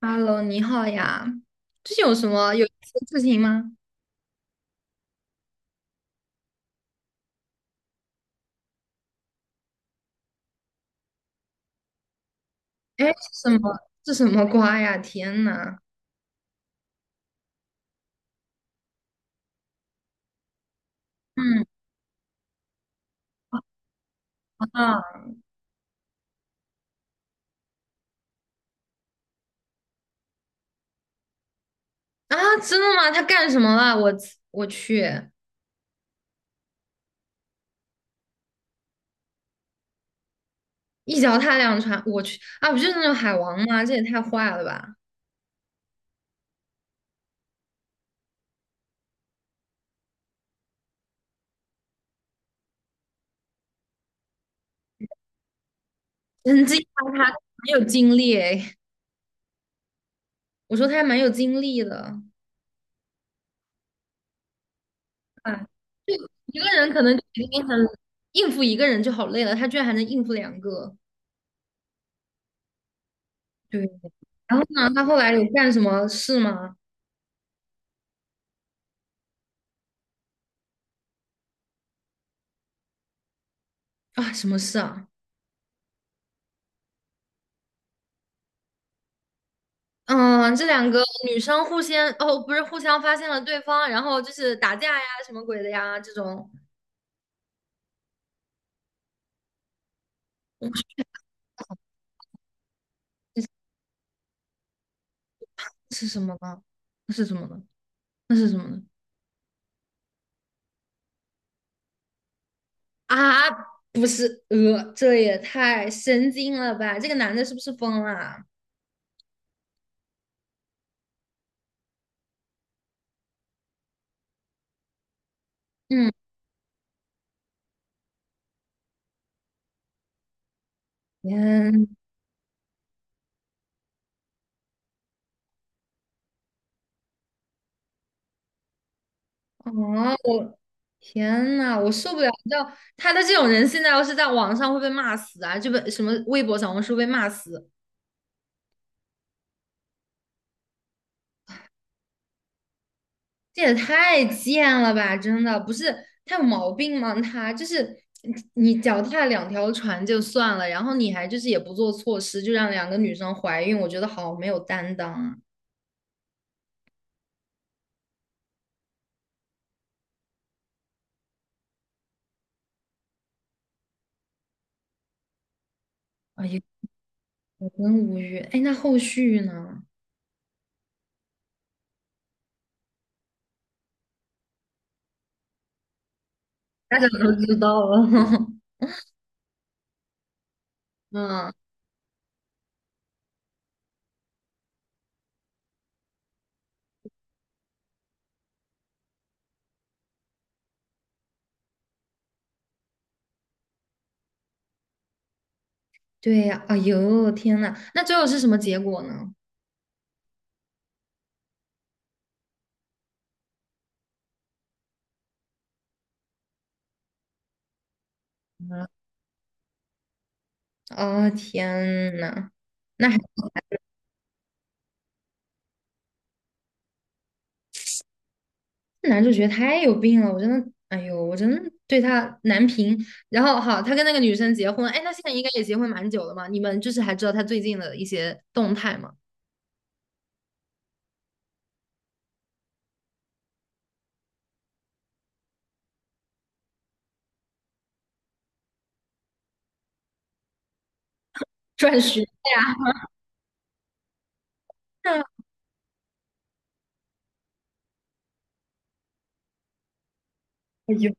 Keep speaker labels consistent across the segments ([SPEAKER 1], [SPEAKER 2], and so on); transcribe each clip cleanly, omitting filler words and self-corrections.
[SPEAKER 1] Hello，你好呀，最近有什么有意思的事情吗？哎，是什么？是什么瓜呀？天呐！嗯啊啊，真的吗？他干什么了？我去，一脚踏两船，我去啊！不就是那种海王吗？这也太坏了吧！人惊讶他没有精力哎，我说他还蛮有精力的。哎，就一个人可能就已经很应付一个人就好累了，他居然还能应付两个。对。然后呢，他后来有干什么事吗？啊，什么事啊？嗯，这两个女生互相，哦，不是互相发现了对方，然后就是打架呀，什么鬼的呀，这种，是什么呢？那是什么呢？那是什么呢？啊，不是，这也太神经了吧！这个男的是不是疯了啊。嗯，天，哦，我天呐，我受不了！你知道他的这种人，现在要是在网上会被骂死啊，就被什么微博、小红书被骂死。这也太贱了吧！真的不是他有毛病吗？他就是你脚踏两条船就算了，然后你还就是也不做措施，就让两个女生怀孕，我觉得好没有担当啊！哎呀，我真无语。哎，那后续呢？大家都知道了。嗯，对呀。哎呦，天呐，那最后是什么结果呢？哦，天呐，那还。男主角太有病了，我真的，哎呦，我真的对他难评。然后好，他跟那个女生结婚，哎，那现在应该也结婚蛮久了嘛？你们就是还知道他最近的一些动态吗？转学啊，哎呦，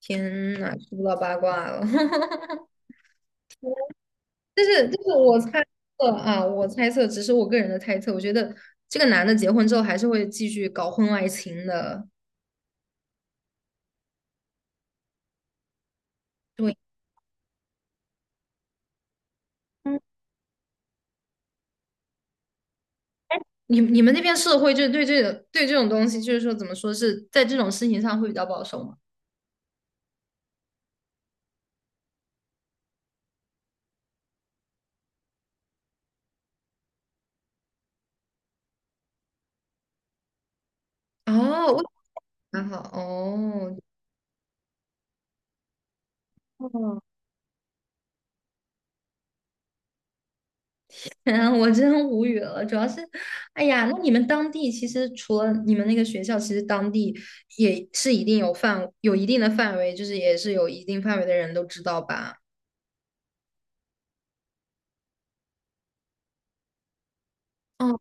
[SPEAKER 1] 天呐，知不到八卦了。但是，就是我猜测，我猜测，只是我个人的猜测。我觉得这个男的结婚之后还是会继续搞婚外情的。对，嗯你你们那边社会就是对这种东西，就是说怎么说是在这种事情上会比较保守吗？哦，还好哦。哦，天啊 我真无语了。主要是，哎呀，那你们当地其实除了你们那个学校，其实当地也是一定有范，有一定的范围，就是也是有一定范围的人都知道吧？哦，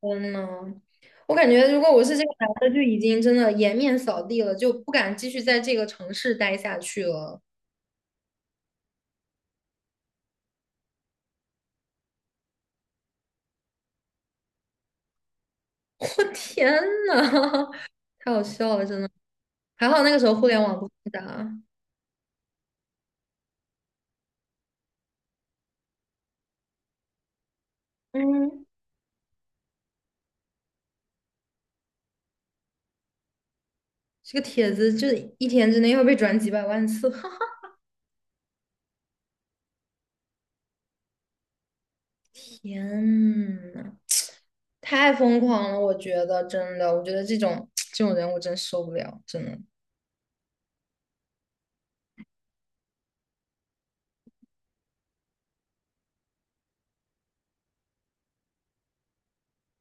[SPEAKER 1] 天呐，我感觉如果我是这个男的，就已经真的颜面扫地了，就不敢继续在这个城市待下去了。我天呐，太好笑了，真的。还好那个时候互联网不发达。嗯。这个帖子就是一天之内要被转几百万次，天呐，太疯狂了！我觉得真的，我觉得这种人我真受不了，真的。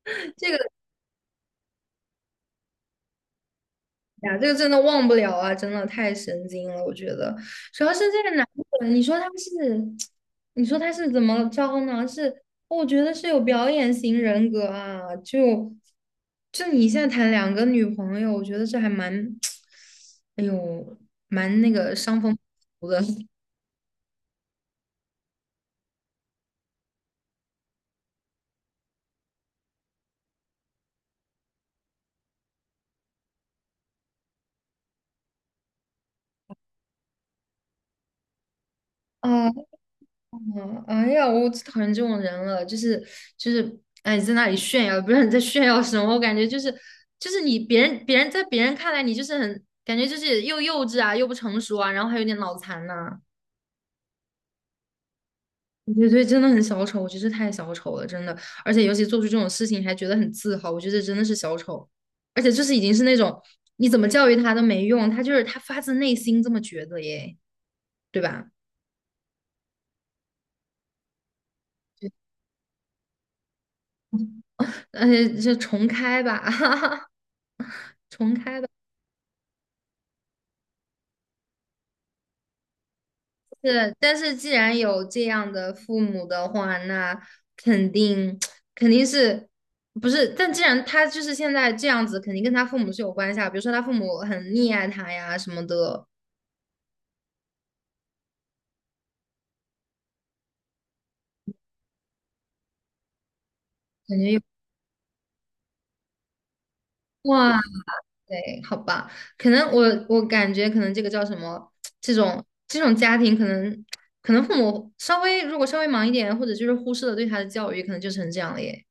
[SPEAKER 1] 这个哎呀，这个真的忘不了啊，真的太神经了，我觉得。主要是这个男的，你说他是，你说他是怎么着呢？是，我觉得是有表演型人格啊，就你现在谈两个女朋友，我觉得这还蛮，哎呦，蛮那个伤风。的。啊嗯，哎呀，我最讨厌这种人了，就是，哎，在那里炫耀，不知道你在炫耀什么，我感觉就是你别人在别人看来你就是很感觉就是又幼稚啊，又不成熟啊，然后还有点脑残呐、我觉得对，真的很小丑，我觉得这太小丑了，真的，而且尤其做出这种事情还觉得很自豪，我觉得真的是小丑，而且就是已经是那种你怎么教育他都没用，他就是他发自内心这么觉得耶，对吧？而且就重开吧，是，但是既然有这样的父母的话，那肯定 肯定是不是？但既然他就是现在这样子，肯定跟他父母是有关系啊。比如说他父母很溺爱他呀什么的，感觉有哇对，好吧？可能我感觉可能这个叫什么？这种家庭可能父母稍微如果稍微忙一点，或者就是忽视了对他的教育，可能就成这样了耶。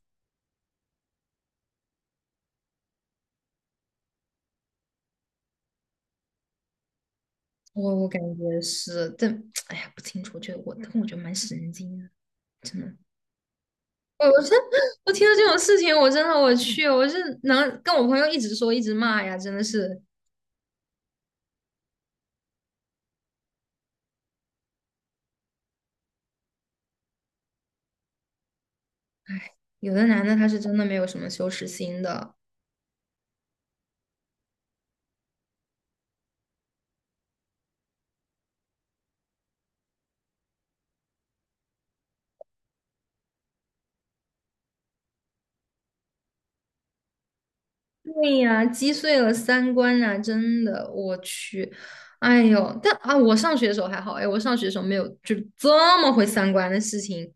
[SPEAKER 1] 我感觉是，但 哎呀不清楚，我觉得蛮神经的，真的。我真，我听到这种事情，我真的我去，我是能跟我朋友一直说一直骂呀，真的是有的男的他是真的没有什么羞耻心的，对呀，击碎了三观啊，真的，我去，哎呦，但啊，我上学的时候还好，哎，我上学的时候没有这么毁三观的事情，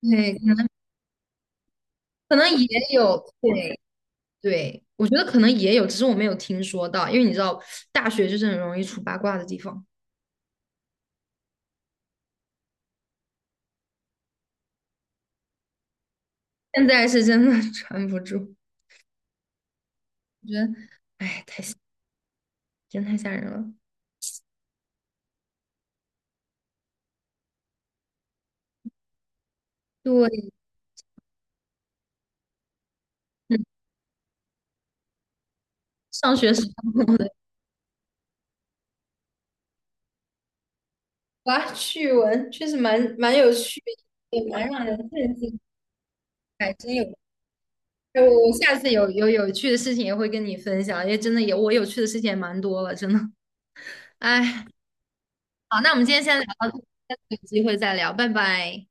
[SPEAKER 1] 对，可能也有，对对，我觉得可能也有，只是我没有听说到，因为你知道，大学就是很容易出八卦的地方，现在是真的 传不住，我觉得，哎，太。真太吓人了。对，嗯，上学时候哇，趣闻确实蛮有趣也蛮让人震惊，还真有。哎我下次有趣的事情也会跟你分享，因为真的有我有趣的事情也蛮多了，真的。哎，好，那我们今天先聊到这，下次有机会再聊，拜拜。